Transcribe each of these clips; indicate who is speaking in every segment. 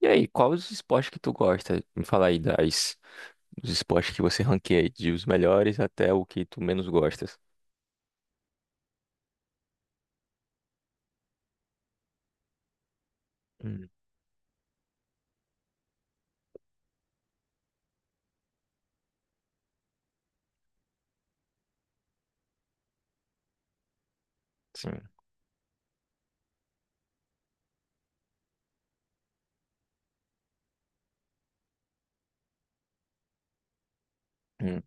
Speaker 1: E aí, qual os esportes que tu gosta? Me fala aí dos esportes que você ranqueia, aí, de os melhores até o que tu menos gostas. Hum, sim. Hum.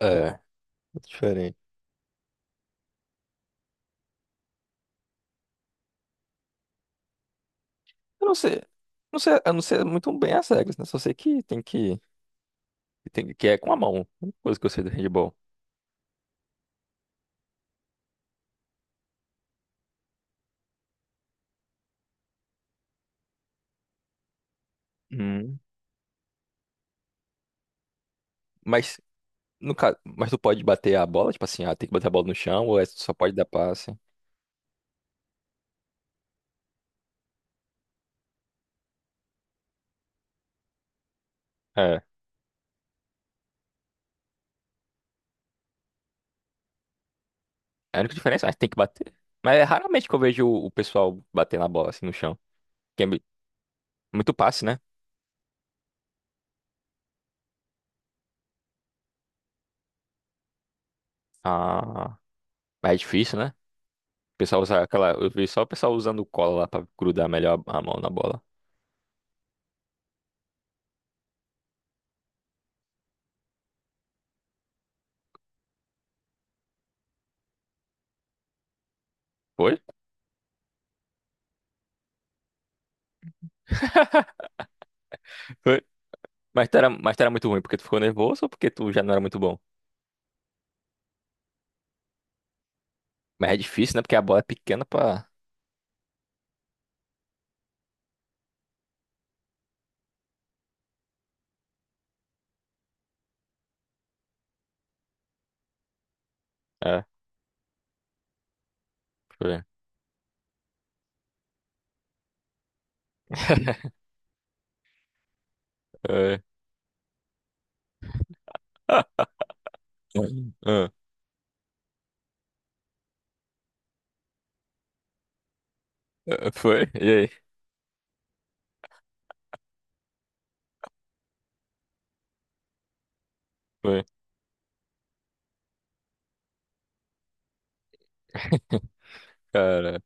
Speaker 1: É, diferente. Eu não sei, não sei, eu não sei muito bem as regras, né? Só sei que é com a mão, a única coisa que eu sei do handball. Hum. Mas, no caso, tu pode bater a bola, tipo assim, tem que bater a bola no chão ou é, só pode dar passe? É. É a única diferença, mas tem que bater. Mas é raramente que eu vejo o pessoal bater na bola assim no chão. Que é muito passe, né? Ah, mas é difícil, né? O pessoal usa aquela. Eu vi só o pessoal usando cola lá pra grudar melhor a mão na bola. Foi? Foi. Mas tu era muito ruim porque tu ficou nervoso ou porque tu já não era muito bom? Mas é difícil, né? Porque a bola é pequena pra. É, foi. É. Ah, ah, ah, foi? E aí? Foi. Cara.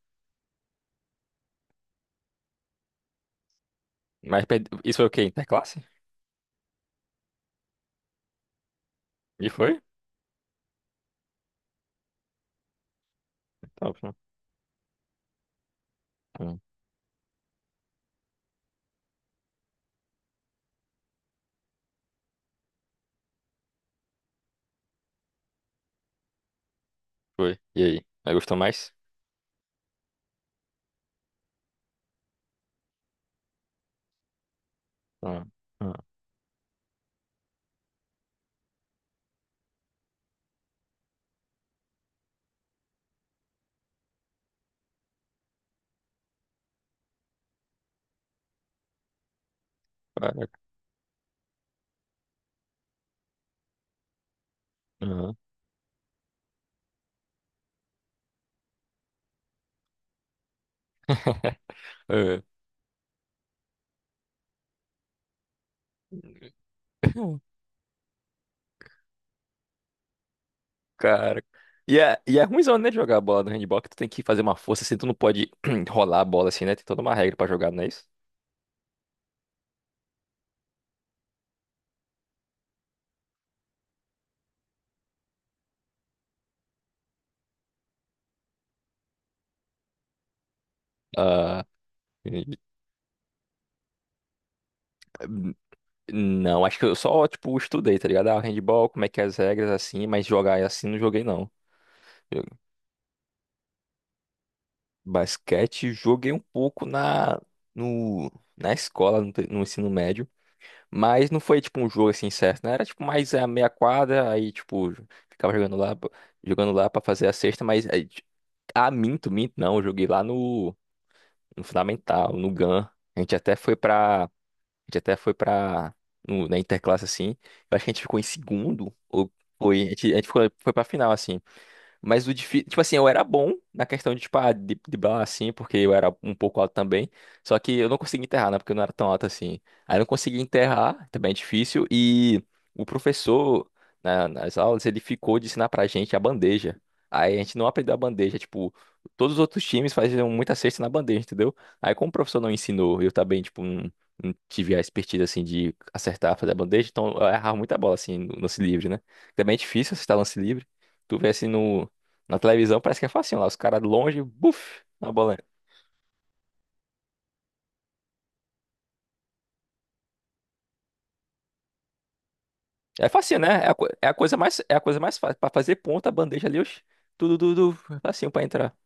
Speaker 1: Mas isso foi o quê? Interclasse? E foi? Top, né? Hum. Foi. E aí? Aí gostou mais? Ah, ah, caraca. Aham. É. Cara. E é ruimzão, né, de jogar a bola no handball, que tu tem que fazer uma força, assim, tu não pode rolar a bola, assim, né? Tem toda uma regra pra jogar, não é isso? Ah, e- hum, não, acho que eu só, tipo, estudei, tá ligado? Ah, handball, como é que é as regras, assim, mas jogar assim não joguei, não. Eu- Basquete, joguei um pouco no, na escola, no ensino médio. Mas não foi tipo um jogo assim certo, né? Era tipo mais a meia quadra, aí tipo, ficava jogando lá para fazer a cesta, mas aí, minto, minto, não, eu joguei lá no Fundamental, no GAN. A gente até foi pra, gente até foi pra, na Interclasse assim, eu acho que a gente ficou em segundo, ou foi, a gente ficou, foi pra final assim. Mas o difícil, tipo assim, eu era bom na questão de, tipo, de bala, assim, porque eu era um pouco alto também. Só que eu não conseguia enterrar, né? Porque eu não era tão alto assim. Aí eu não conseguia enterrar, também é difícil. E o professor, nas aulas, ele ficou de ensinar pra gente a bandeja. Aí a gente não aprendeu a bandeja, tipo, todos os outros times faziam muita cesta na bandeja, entendeu? Aí como o professor não ensinou, eu também, tipo, não, não tive a expertise, assim, de acertar, fazer a bandeja, então eu errava muita bola, assim, no lance livre, né? Também é difícil acertar lance livre. Tu vê assim no, na televisão parece que é facinho lá, os caras longe, buf, na bola, entra. É facinho, né? É a, co- é a coisa mais, é a coisa mais fácil. Pra fazer ponta, a bandeja ali, oxi, tudo, tudo, tudo, facinho pra entrar.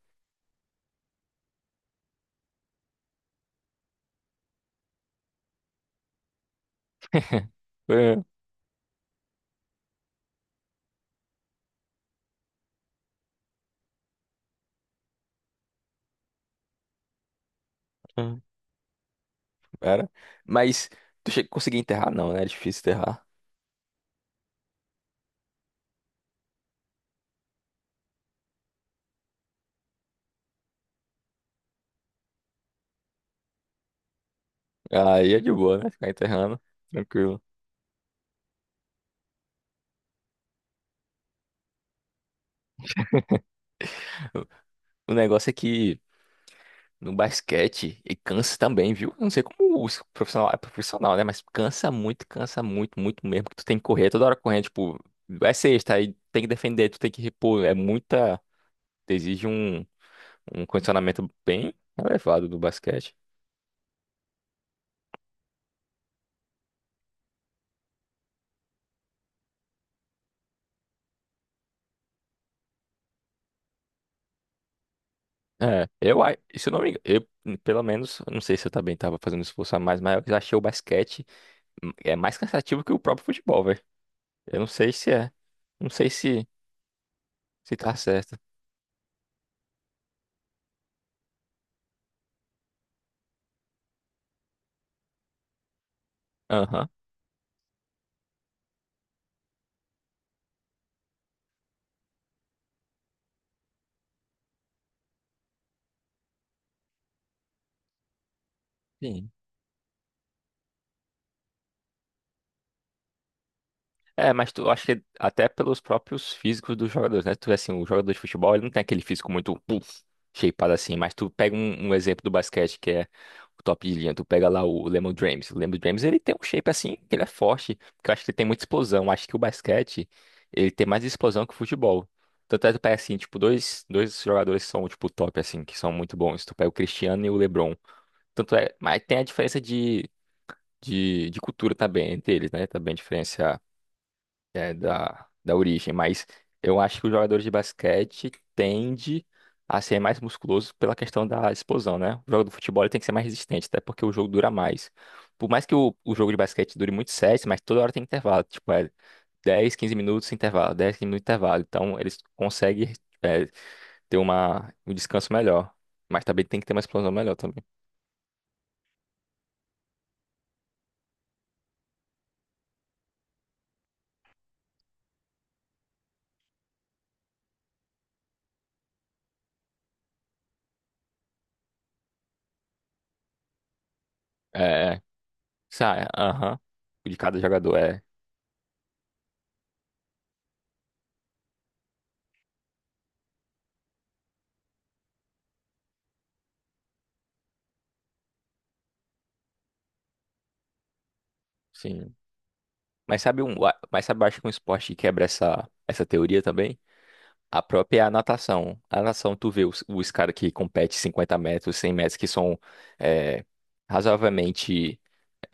Speaker 1: É, é. Era. Mas tu chega, conseguir enterrar, não, né? É difícil enterrar. Aí é de boa, né? Ficar enterrando, tranquilo. O negócio é que no basquete, e cansa também, viu? Eu não sei como os profissional é profissional, né? Mas cansa muito, muito mesmo. Que tu tem que correr toda hora correndo, tipo, é sexta, aí tem que defender, tu tem que repor. É muita. Exige um condicionamento bem elevado do basquete. É, se eu não me engano, eu, pelo menos, eu não sei se eu também tava fazendo um esforço a mais, mas eu achei o basquete é mais cansativo que o próprio futebol, velho. Eu não sei se é. Não sei se tá certo. Aham. É, mas tu acho que até pelos próprios físicos dos jogadores, né? Tu vê assim, o jogador de futebol, ele não tem aquele físico muito puff, shapeado assim, mas tu pega um exemplo do basquete que é o top de linha, tu pega lá o Lemon James. O Lemon James, ele tem um shape assim, que ele é forte, que eu acho que ele tem muita explosão. Eu acho que o basquete, ele tem mais explosão que o futebol. Tanto é que tu pega assim, tipo, dois jogadores que são tipo top assim, que são muito bons. Tu pega o Cristiano e o LeBron. Tanto é, mas tem a diferença de, de cultura também entre eles, né? Também a diferença é, da origem, mas eu acho que os jogadores de basquete tendem a ser mais musculosos pela questão da explosão, né? O jogo do futebol ele tem que ser mais resistente, até porque o jogo dura mais. Por mais que o jogo de basquete dure muitos sets, mas toda hora tem intervalo, tipo, é 10, 15 minutos intervalo, 10 15 minutos intervalo. Então eles conseguem é, ter um descanso melhor, mas também tem que ter uma explosão melhor também. É, é. Aham, de cada jogador, é, sim. Mas sabe um, mas sabe, eu acho que um esporte que quebra essa teoria também? A própria natação. A natação, tu vê os caras que competem 50 metros, 100 metros, que são é, razoavelmente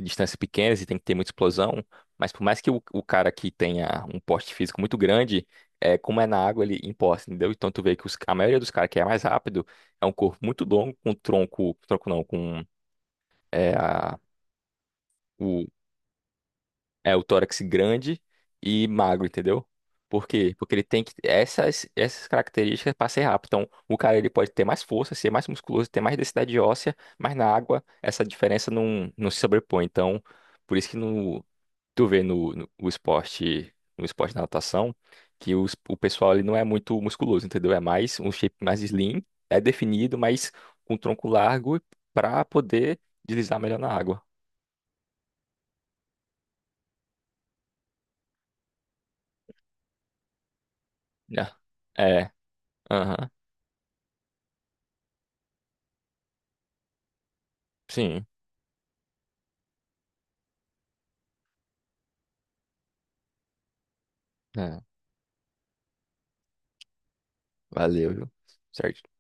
Speaker 1: distâncias pequenas e tem que ter muita explosão, mas por mais que o cara que tenha um porte físico muito grande, como é na água, ele imposta, entendeu? Então tu vê que a maioria dos caras que é mais rápido é um corpo muito longo, com tronco, tronco não. É, a, É o tórax grande e magro, entendeu? Por quê? Porque ele tem que essas características para ser rápido. Então, o cara ele pode ter mais força, ser mais musculoso, ter mais densidade óssea, mas na água essa diferença não, não se sobrepõe. Então, por isso que tu vê no esporte da natação, que o pessoal ele não é muito musculoso, entendeu? É mais um shape mais slim, é definido, mas com tronco largo para poder deslizar melhor na água. Né? É. Aham. Sim. É. Valeu, viu? Certinho.